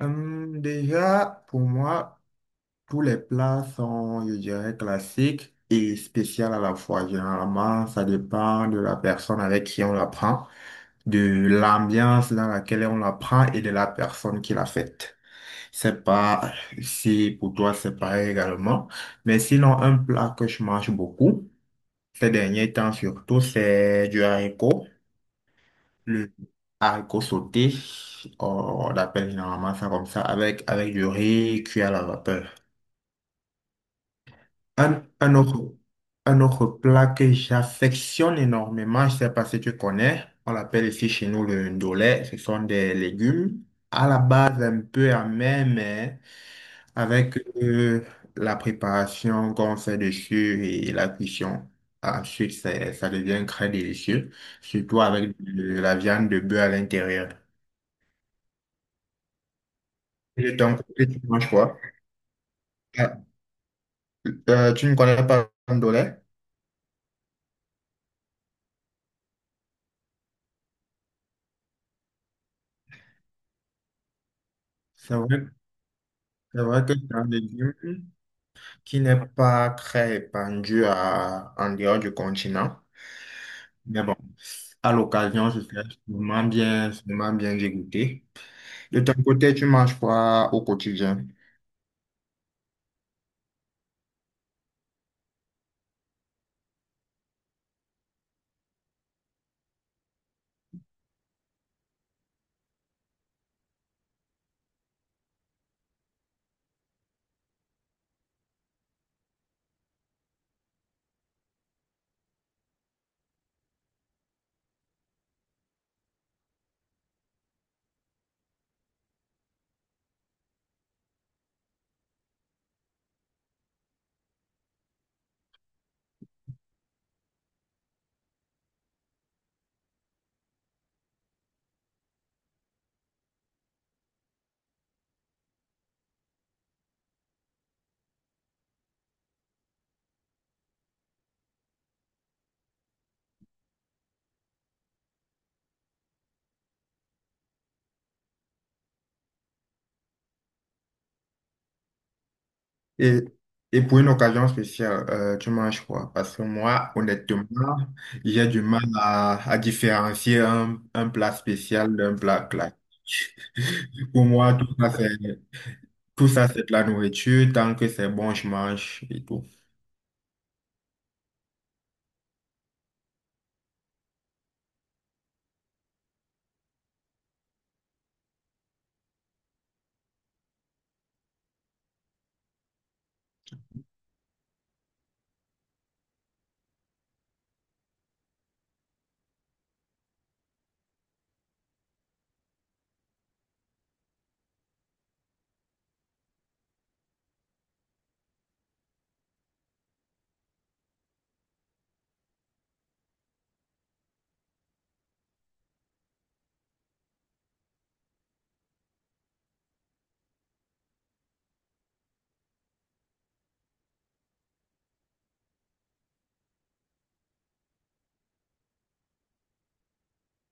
Déjà, pour moi, tous les plats sont, je dirais, classiques et spéciaux à la fois. Généralement, ça dépend de la personne avec qui on la prend, de l'ambiance dans laquelle on la prend et de la personne qui l'a faite. C'est pas si pour toi c'est pareil également. Mais sinon, un plat que je mange beaucoup, ces derniers temps surtout, c'est du haricot. Le haricot sauté, on appelle généralement ça comme ça, avec, avec du riz cuit à la vapeur. Un, un autre, un autre plat que j'affectionne énormément, je ne sais pas si tu connais, on l'appelle ici chez nous le ndolé, ce sont des légumes à la base un peu amers, mais avec euh, la préparation qu'on fait dessus et la cuisson. Ensuite, ça devient très délicieux, surtout avec de la viande de bœuf à l'intérieur. Et de ton côté, tu manges quoi? Ah, tu ne connais pas le pomme. C'est vrai, c'est vrai que c'est un légume qui n'est pas très répandu en dehors du continent. Mais bon, à l'occasion, je serais sûrement bien dégoûté. De ton côté, tu manges quoi au quotidien? Et, et pour une occasion spéciale, tu manges quoi? Parce que moi, honnêtement, j'ai du mal à différencier un plat spécial d'un plat classique. Pour moi, tout ça, c'est de la nourriture. Tant que c'est bon, je mange et tout.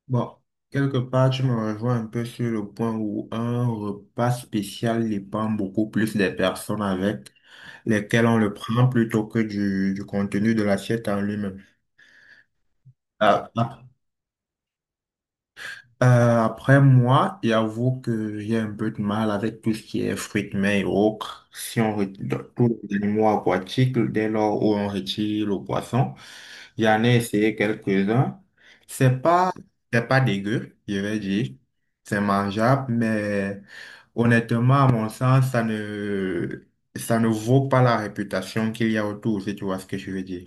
Bon, quelque part, tu me rejoins un peu sur le point où un repas spécial dépend beaucoup plus des personnes avec lesquelles on le prend plutôt que du contenu de l'assiette en lui-même. À Euh, après moi, j'avoue que j'ai un peu de mal avec tout ce qui est fruits de mer et autres. Si on retire tous les animaux aquatiques, dès lors où on retire le poisson, j'en ai essayé quelques-uns. C'est pas, c'est pas dégueu, je vais dire. C'est mangeable, mais honnêtement, à mon sens, ça ne vaut pas la réputation qu'il y a autour, si tu vois ce que je veux dire.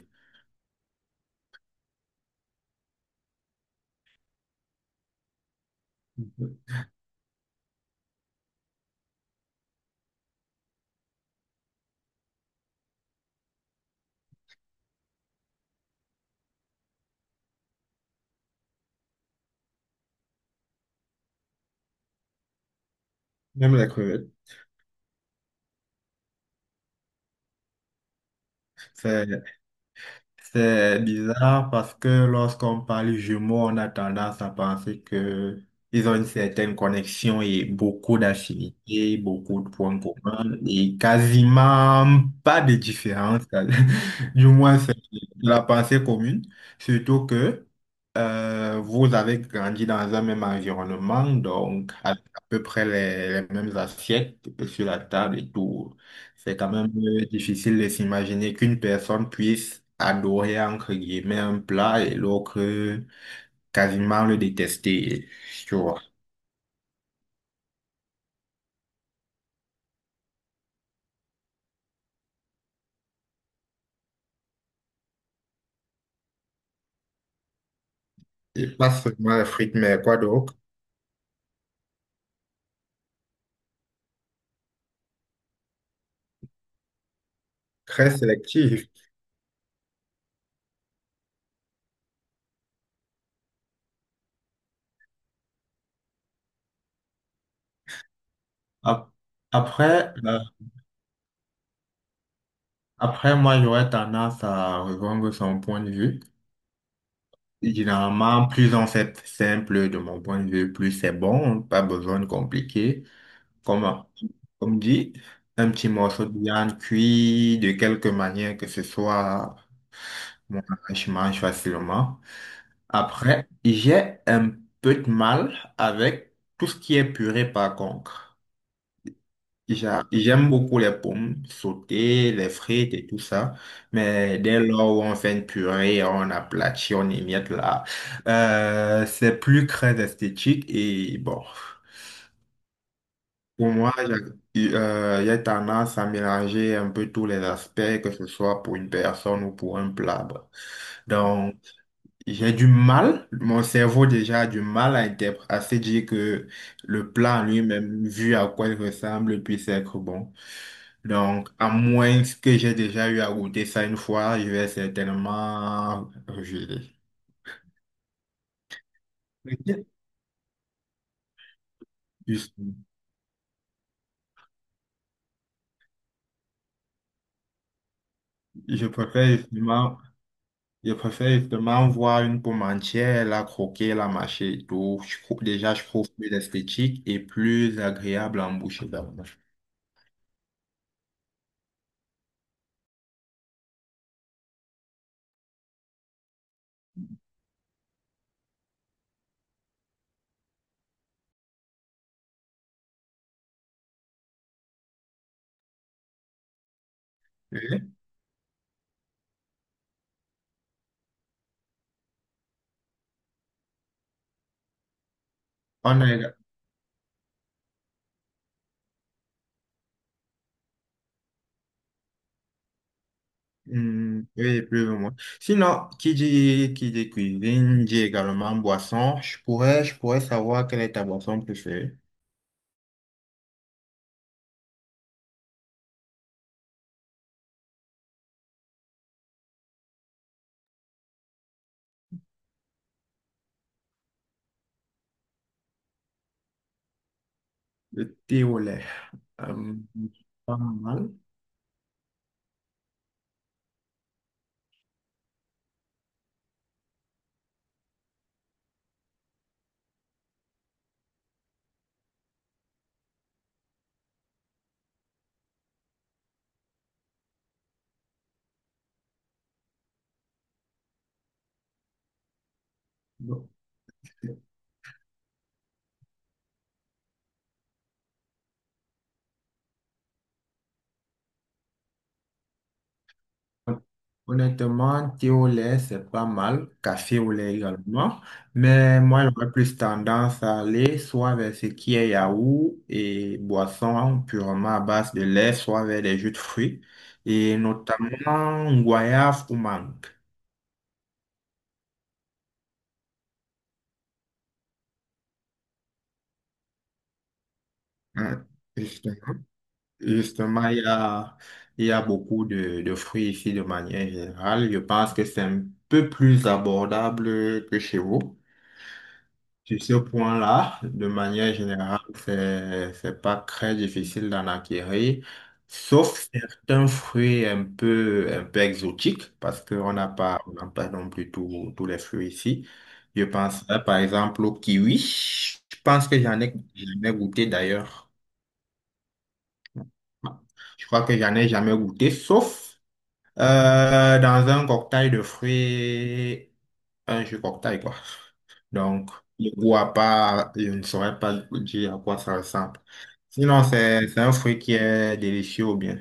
Même les crevettes. C'est bizarre parce que lorsqu'on parle jumeaux, on a tendance à penser que ils ont une certaine connexion et beaucoup d'affinités, beaucoup de points communs et quasiment pas de différence. Du moins, c'est la pensée commune. Surtout que vous avez grandi dans un même environnement, donc à peu près les mêmes assiettes sur la table et tout. C'est quand même difficile de s'imaginer qu'une personne puisse adorer, entre guillemets, un plat et l'autre quasiment le détester, tu vois. Et pas seulement les frites, mais quoi d'autre? Très sélectif. Ap- Après, après, moi, j'aurais tendance à rejoindre son point de vue. Généralement, plus on fait simple de mon point de vue, plus c'est bon, pas besoin de compliquer. Comme, comme dit, un petit morceau de viande cuit de quelque manière que ce soit, mon je mange facilement. Après, j'ai un peu de mal avec tout ce qui est purée par contre. J'aime beaucoup les pommes sautées, les frites et tout ça, mais dès lors où on fait une purée, on aplatit, on émiette là, c'est plus très esthétique et bon. Pour moi, y a il tendance à mélanger un peu tous les aspects, que ce soit pour une personne ou pour un plat. Bah. Donc, j'ai du mal, mon cerveau déjà a du mal à, à se dire que le plat en lui-même, vu à quoi il ressemble, puisse être bon. Donc, à moins que j'ai déjà eu à goûter ça une fois, je vais certainement rejeter. Ok. Juste- Je préfère justement Je préfère justement voir une pomme entière, la croquer, la mâcher et tout. Déjà, je trouve plus esthétique et plus agréable en bouche également. Oui, on a, hmm, oui, plus ou moins. Sinon, qui dit cuisine, dit également boisson. Je pourrais savoir quelle est ta boisson préférée. Le thé au lait. Euh, pas mal. Bon. Honnêtement, thé au lait, c'est pas mal, café au lait également, mais moi, j'aurais plus tendance à aller soit vers ce qui est yaourt et boisson purement à base de lait, soit vers des jus de fruits, et notamment goyave ou mangue. Hein, justement, justement, il y a beaucoup de fruits ici de manière générale. Je pense que c'est un peu plus abordable que chez vous. Sur ce point-là, de manière générale, c'est pas très difficile d'en acquérir, sauf certains fruits un peu exotiques, parce qu'on n'a pas, on n'a pas non plus tous tous les fruits ici. Je pense, par exemple, au kiwi. Je pense que j'en ai jamais goûté d'ailleurs. Je crois que j'en ai jamais goûté, sauf dans un cocktail de fruits, un jus cocktail, quoi. Donc, le goût à part, je ne saurais pas dire à quoi ça ressemble. Sinon, c'est un fruit qui est délicieux ou bien.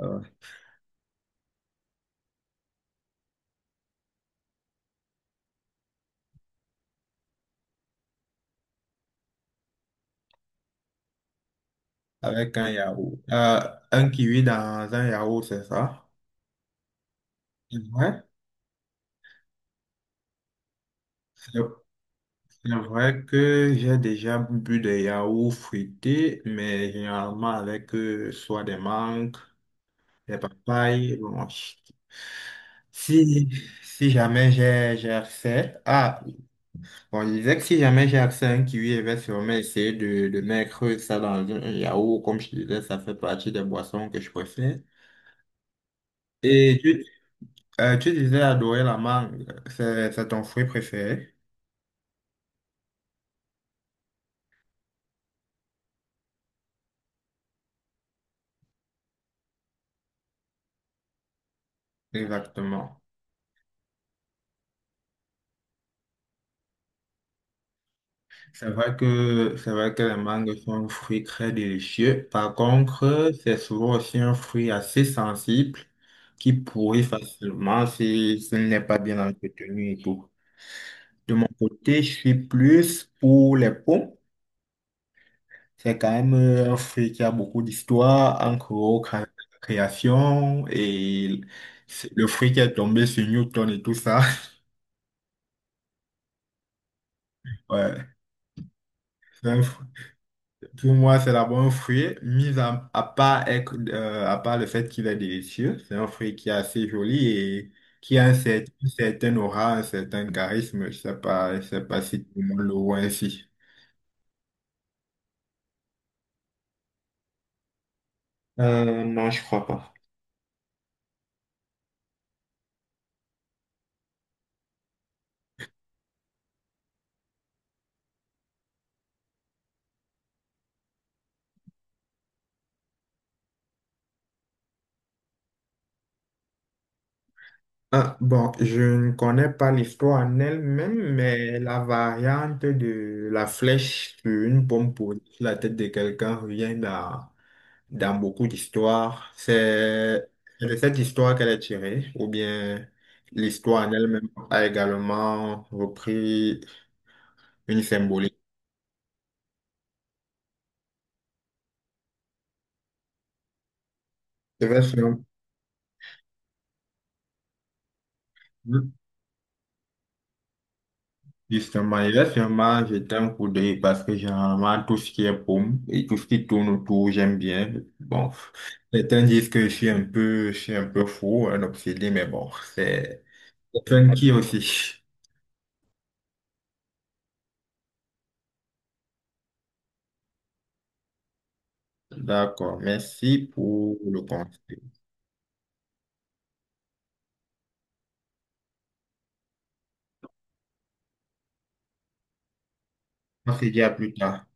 Euh, avec un yaourt. Un kiwi dans un yaourt, c'est ça? Ouais. C'est c'est vrai que j'ai déjà bu des yaourts fruités, mais généralement avec soit des mangues, les papayes. Si, si jamais j'ai accès. Ah, on disait que si jamais j'ai accès à un kiwi, je vais sûrement essayer de mettre ça dans un yaourt. Comme je disais, ça fait partie des boissons que je préfère. Et tu, tu disais adorer la mangue. C'est ton fruit préféré? Exactement. C'est vrai que les mangues sont un fruit très délicieux. Par contre, c'est souvent aussi un fruit assez sensible qui pourrit facilement si ce n'est pas bien entretenu et tout. De mon côté, je suis plus pour les pommes. C'est quand même un fruit qui a beaucoup d'histoire, encore création et c'est le fruit qui est tombé sur Newton et tout ça. Ouais, c'est un fruit. Pour moi, c'est d'abord un fruit, mis à part, à part le fait qu'il est délicieux. C'est un fruit qui est assez joli et qui a un une certaine aura, un certain charisme. Je sais pas si tout le monde le voit ainsi. Non, je crois pas. Ah, bon, je ne connais pas l'histoire en elle-même, mais la variante de la flèche sur une bombe posée sur la tête de quelqu'un revient dans, dans beaucoup d'histoires. C'est de cette histoire qu'elle est tirée, ou bien l'histoire en elle-même a également repris une symbolique. C'est vrai, c'est vrai. Justement, justement, j'étais un coup d'œil parce que généralement, tout ce qui est pomme et tout ce qui tourne autour, j'aime bien. Bon, certains disent que je suis un peu, je suis un peu fou, un obsédé, mais bon, c'est funky aussi. D'accord, merci pour le conseil. On se dit à plus tard.